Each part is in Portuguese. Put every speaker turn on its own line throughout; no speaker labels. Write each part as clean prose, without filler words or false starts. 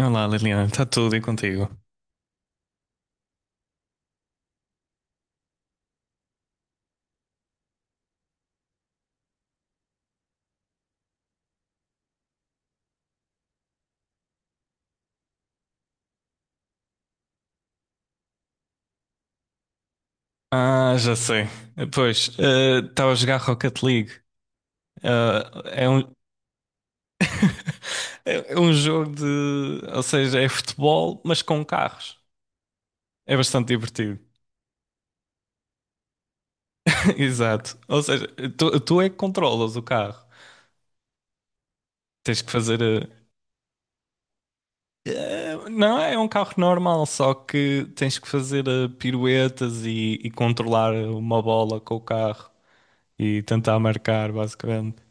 Olá, Liliana, está tudo e contigo? Ah, já sei. Pois, estava a jogar Rocket League. Ah, é um... é um jogo de. Ou seja, é futebol, mas com carros. É bastante divertido. Exato. Ou seja, tu é que controlas o carro. Tens que fazer a. Não, É um carro normal, só que tens que fazer piruetas e controlar uma bola com o carro e tentar marcar, basicamente.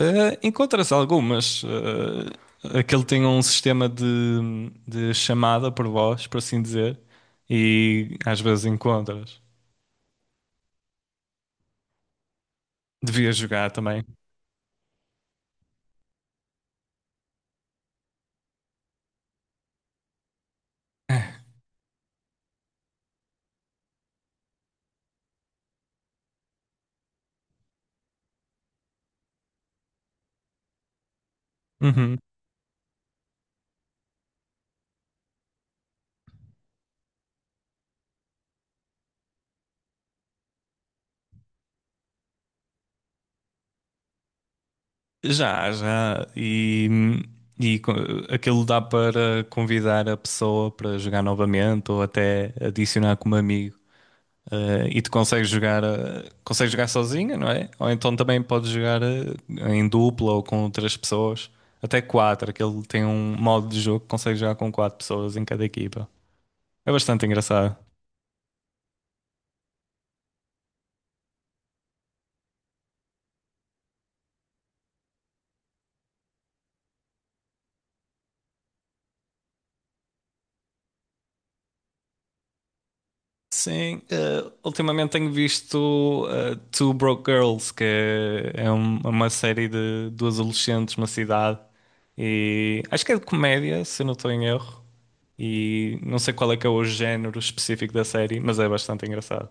Eh, encontras algumas. Eh, aquele tem um sistema de chamada por voz, por assim dizer, e às vezes encontras. Devias jogar também. Uhum. Já, já. E co- Aquilo dá para convidar a pessoa para jogar novamente ou até adicionar como amigo. E tu consegues jogar, consegues jogar sozinho, não é? Ou então também podes jogar em dupla ou com outras pessoas, até quatro. Aquele tem um modo de jogo que consegues jogar com quatro pessoas em cada equipa. É bastante engraçado. Sim, ultimamente tenho visto Two Broke Girls, é uma série de duas adolescentes numa cidade. E acho que é de comédia, se não estou em erro. E não sei qual é que é o género específico da série, mas é bastante engraçado.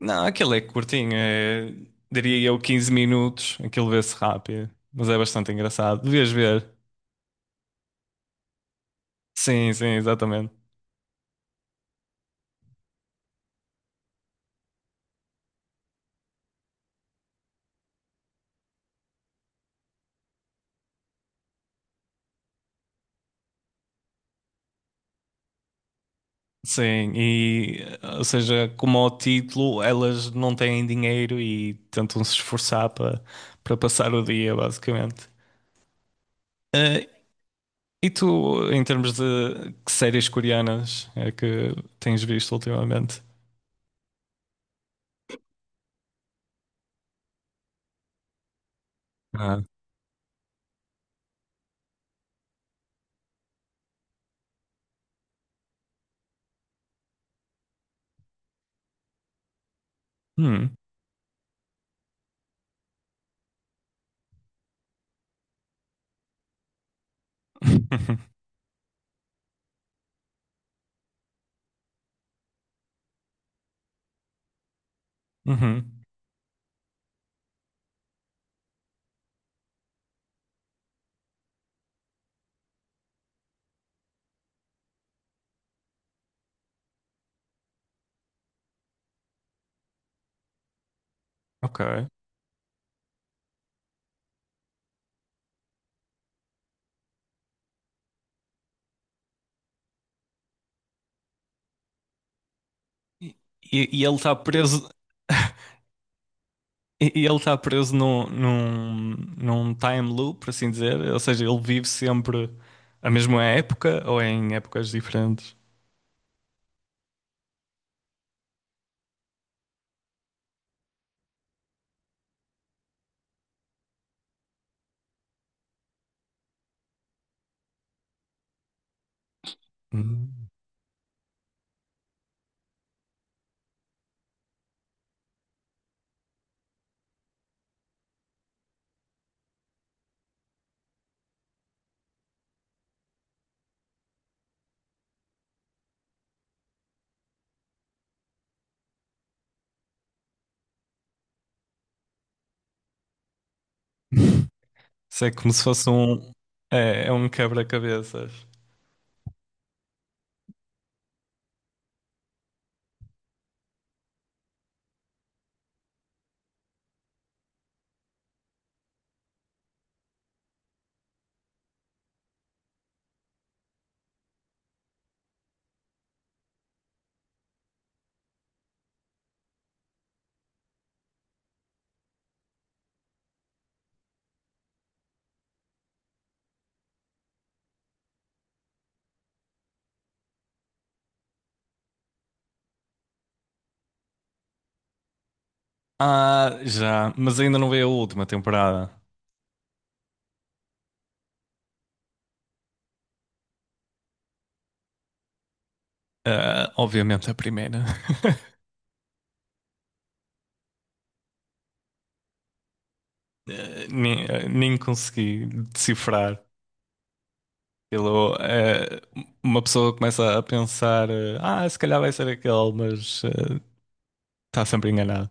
Não, aquilo é curtinho, é, diria eu 15 minutos. Aquilo vê-se rápido, mas é bastante engraçado. Devias ver. Sim, sim, exatamente. Sim, e ou seja, como ao título, elas não têm dinheiro e tentam se esforçar para para passar o dia, basicamente. Eh, e tu, em termos de que séries coreanas é que tens visto ultimamente? Ah. Hum. Uhum. Ok. E, e ele está preso. E ele está preso num time loop, por assim dizer. Ou seja, ele vive sempre a mesma época ou em épocas diferentes. Hum. Isso é como se fosse um. É, é um quebra-cabeças. Ah, já. Mas ainda não veio a última temporada. Ah, obviamente a primeira. Nem, nem consegui decifrar. Aquilo, uma pessoa começa a pensar: ah, se calhar vai ser aquele, mas está sempre enganado.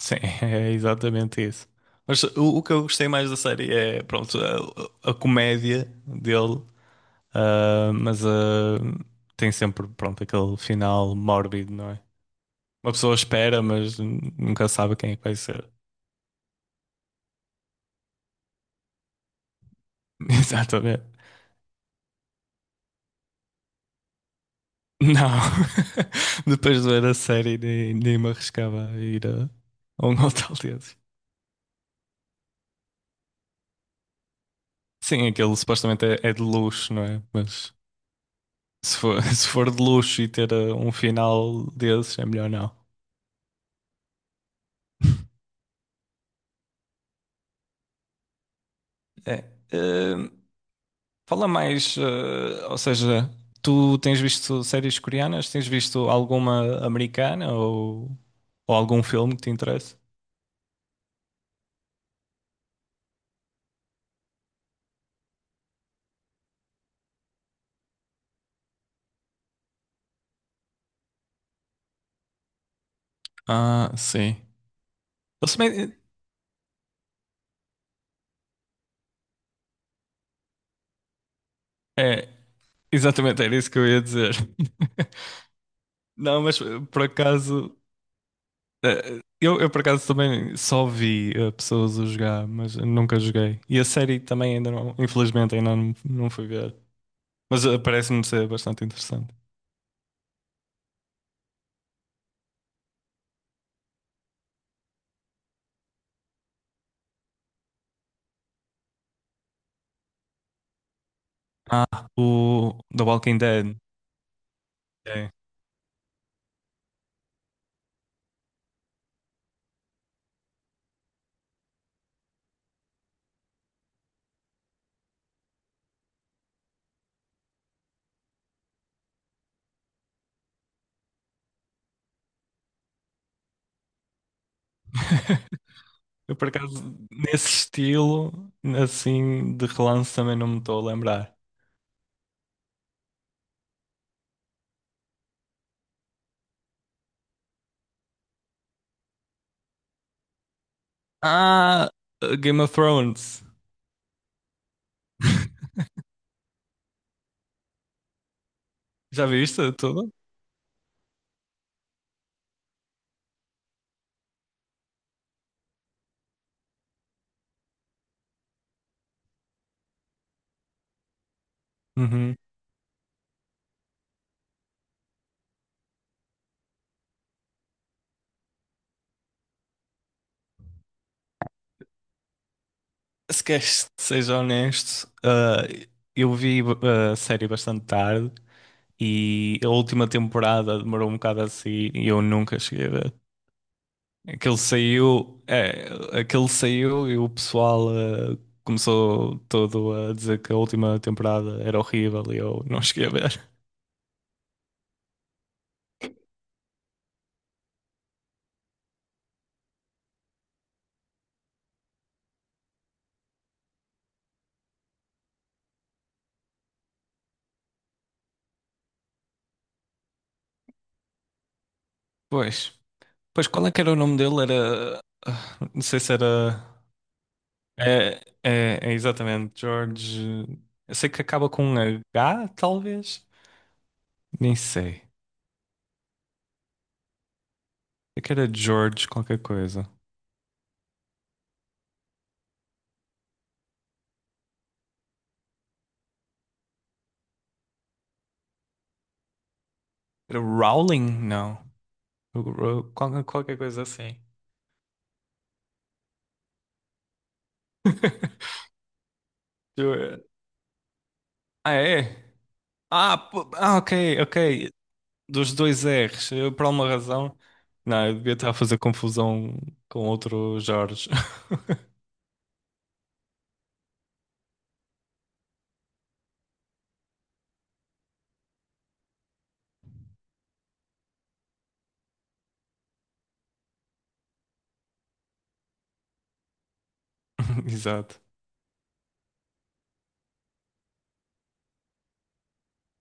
Sim, é exatamente isso. Mas o que eu gostei mais da série é, pronto, a comédia dele, ah, mas ah, tem sempre, pronto, aquele final mórbido, não é? Uma pessoa espera, mas nunca sabe quem é que vai ser. Exatamente. Não. Depois de ver a série, nem, nem me arriscava a ir a um hotel desses. Sim, aquele supostamente é, é de luxo, não é? Mas se for, se for de luxo e ter um final desses, é melhor não. É. Eh, Fala mais, ou seja, tu tens visto séries coreanas? Tens visto alguma americana ou algum filme que te interessa? Ah, sim. Eu também- É, exatamente, era isso que eu ia dizer. Não, mas por acaso, eu por acaso também só vi pessoas a jogar, mas eu nunca joguei. E a série também ainda não, infelizmente ainda não, não fui ver. Mas parece-me ser bastante interessante. Ah, o The Walking Dead. É. Eu, por acaso, nesse estilo, assim, de relance também não me estou a lembrar. Ah, Game of Thrones. Já viste tudo? Uhum. Se queres que seja honesto, eu vi a série bastante tarde e a última temporada demorou um bocado assim e eu nunca cheguei a ver. Aquele saiu, é, aquele saiu e o pessoal começou todo a dizer que a última temporada era horrível e eu não cheguei a ver. Pois, pois qual é que era o nome dele? Era, ah, não sei se era, é exatamente, George. Eu sei que acaba com um H, talvez? Nem sei, é que era George qualquer coisa. Era Rowling? Não, Ro- qual- qualquer coisa assim. Ah, é? Ok, ok. Dos dois R's, eu, por alguma razão. Não, eu devia estar a fazer confusão com outro Jorge. Exato.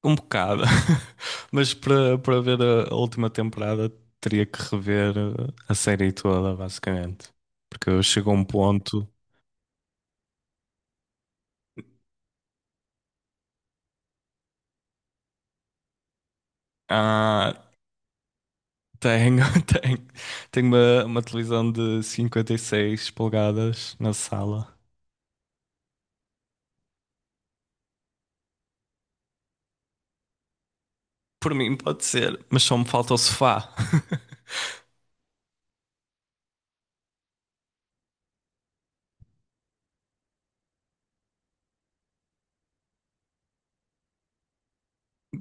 Um bocado. Mas para para ver a última temporada, teria que rever a série toda, basicamente. Porque chegou um ponto. Ah, tenho, tenho, tenho uma televisão de 56 polegadas na sala. Por mim, pode ser, mas só me falta o sofá.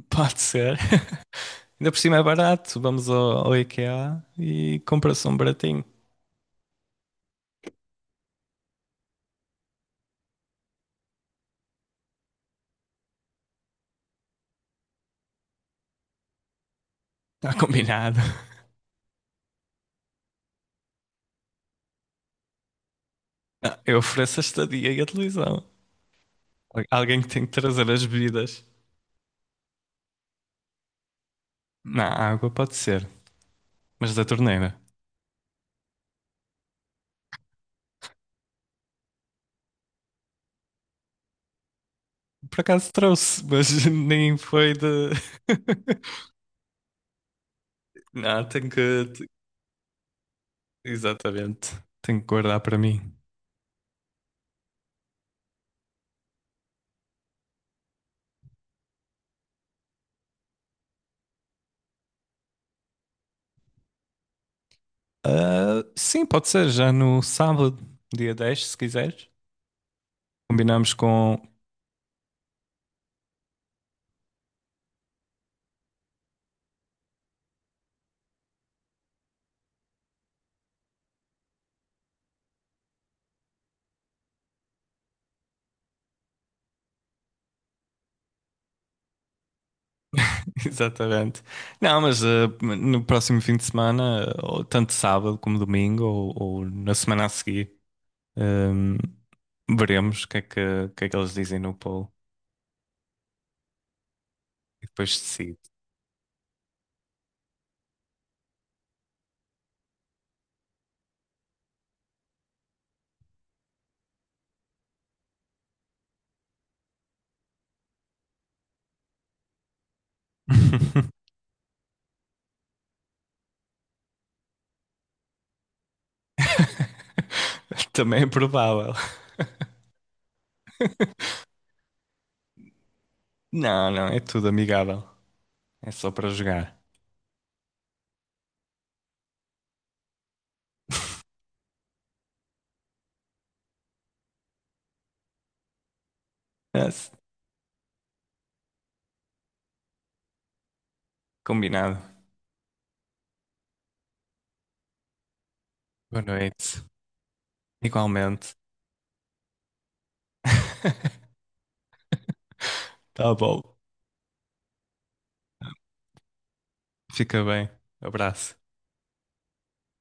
Pode ser. Ainda por cima é barato. Vamos ao IKEA e compra-se um baratinho. Está combinado. Não, eu ofereço a estadia e a televisão. Alguém que tem que trazer as bebidas. Na água pode ser, mas da torneira. Por acaso trouxe, mas nem foi de. Não, tenho que. Te- Exatamente. Tenho que guardar para mim. Ah, sim, pode ser já no sábado, dia 10, se quiseres. Combinamos com, exatamente. Não, mas no próximo fim de semana, ou tanto sábado como domingo, ou na semana a seguir, ehm, veremos o que é que, o que é que eles dizem no poll e depois decido. Também é provável. Não, não, é tudo amigável. É só para jogar. É, s- combinado. Boa noite. Igualmente. Tá bom. Fica bem. Abraço.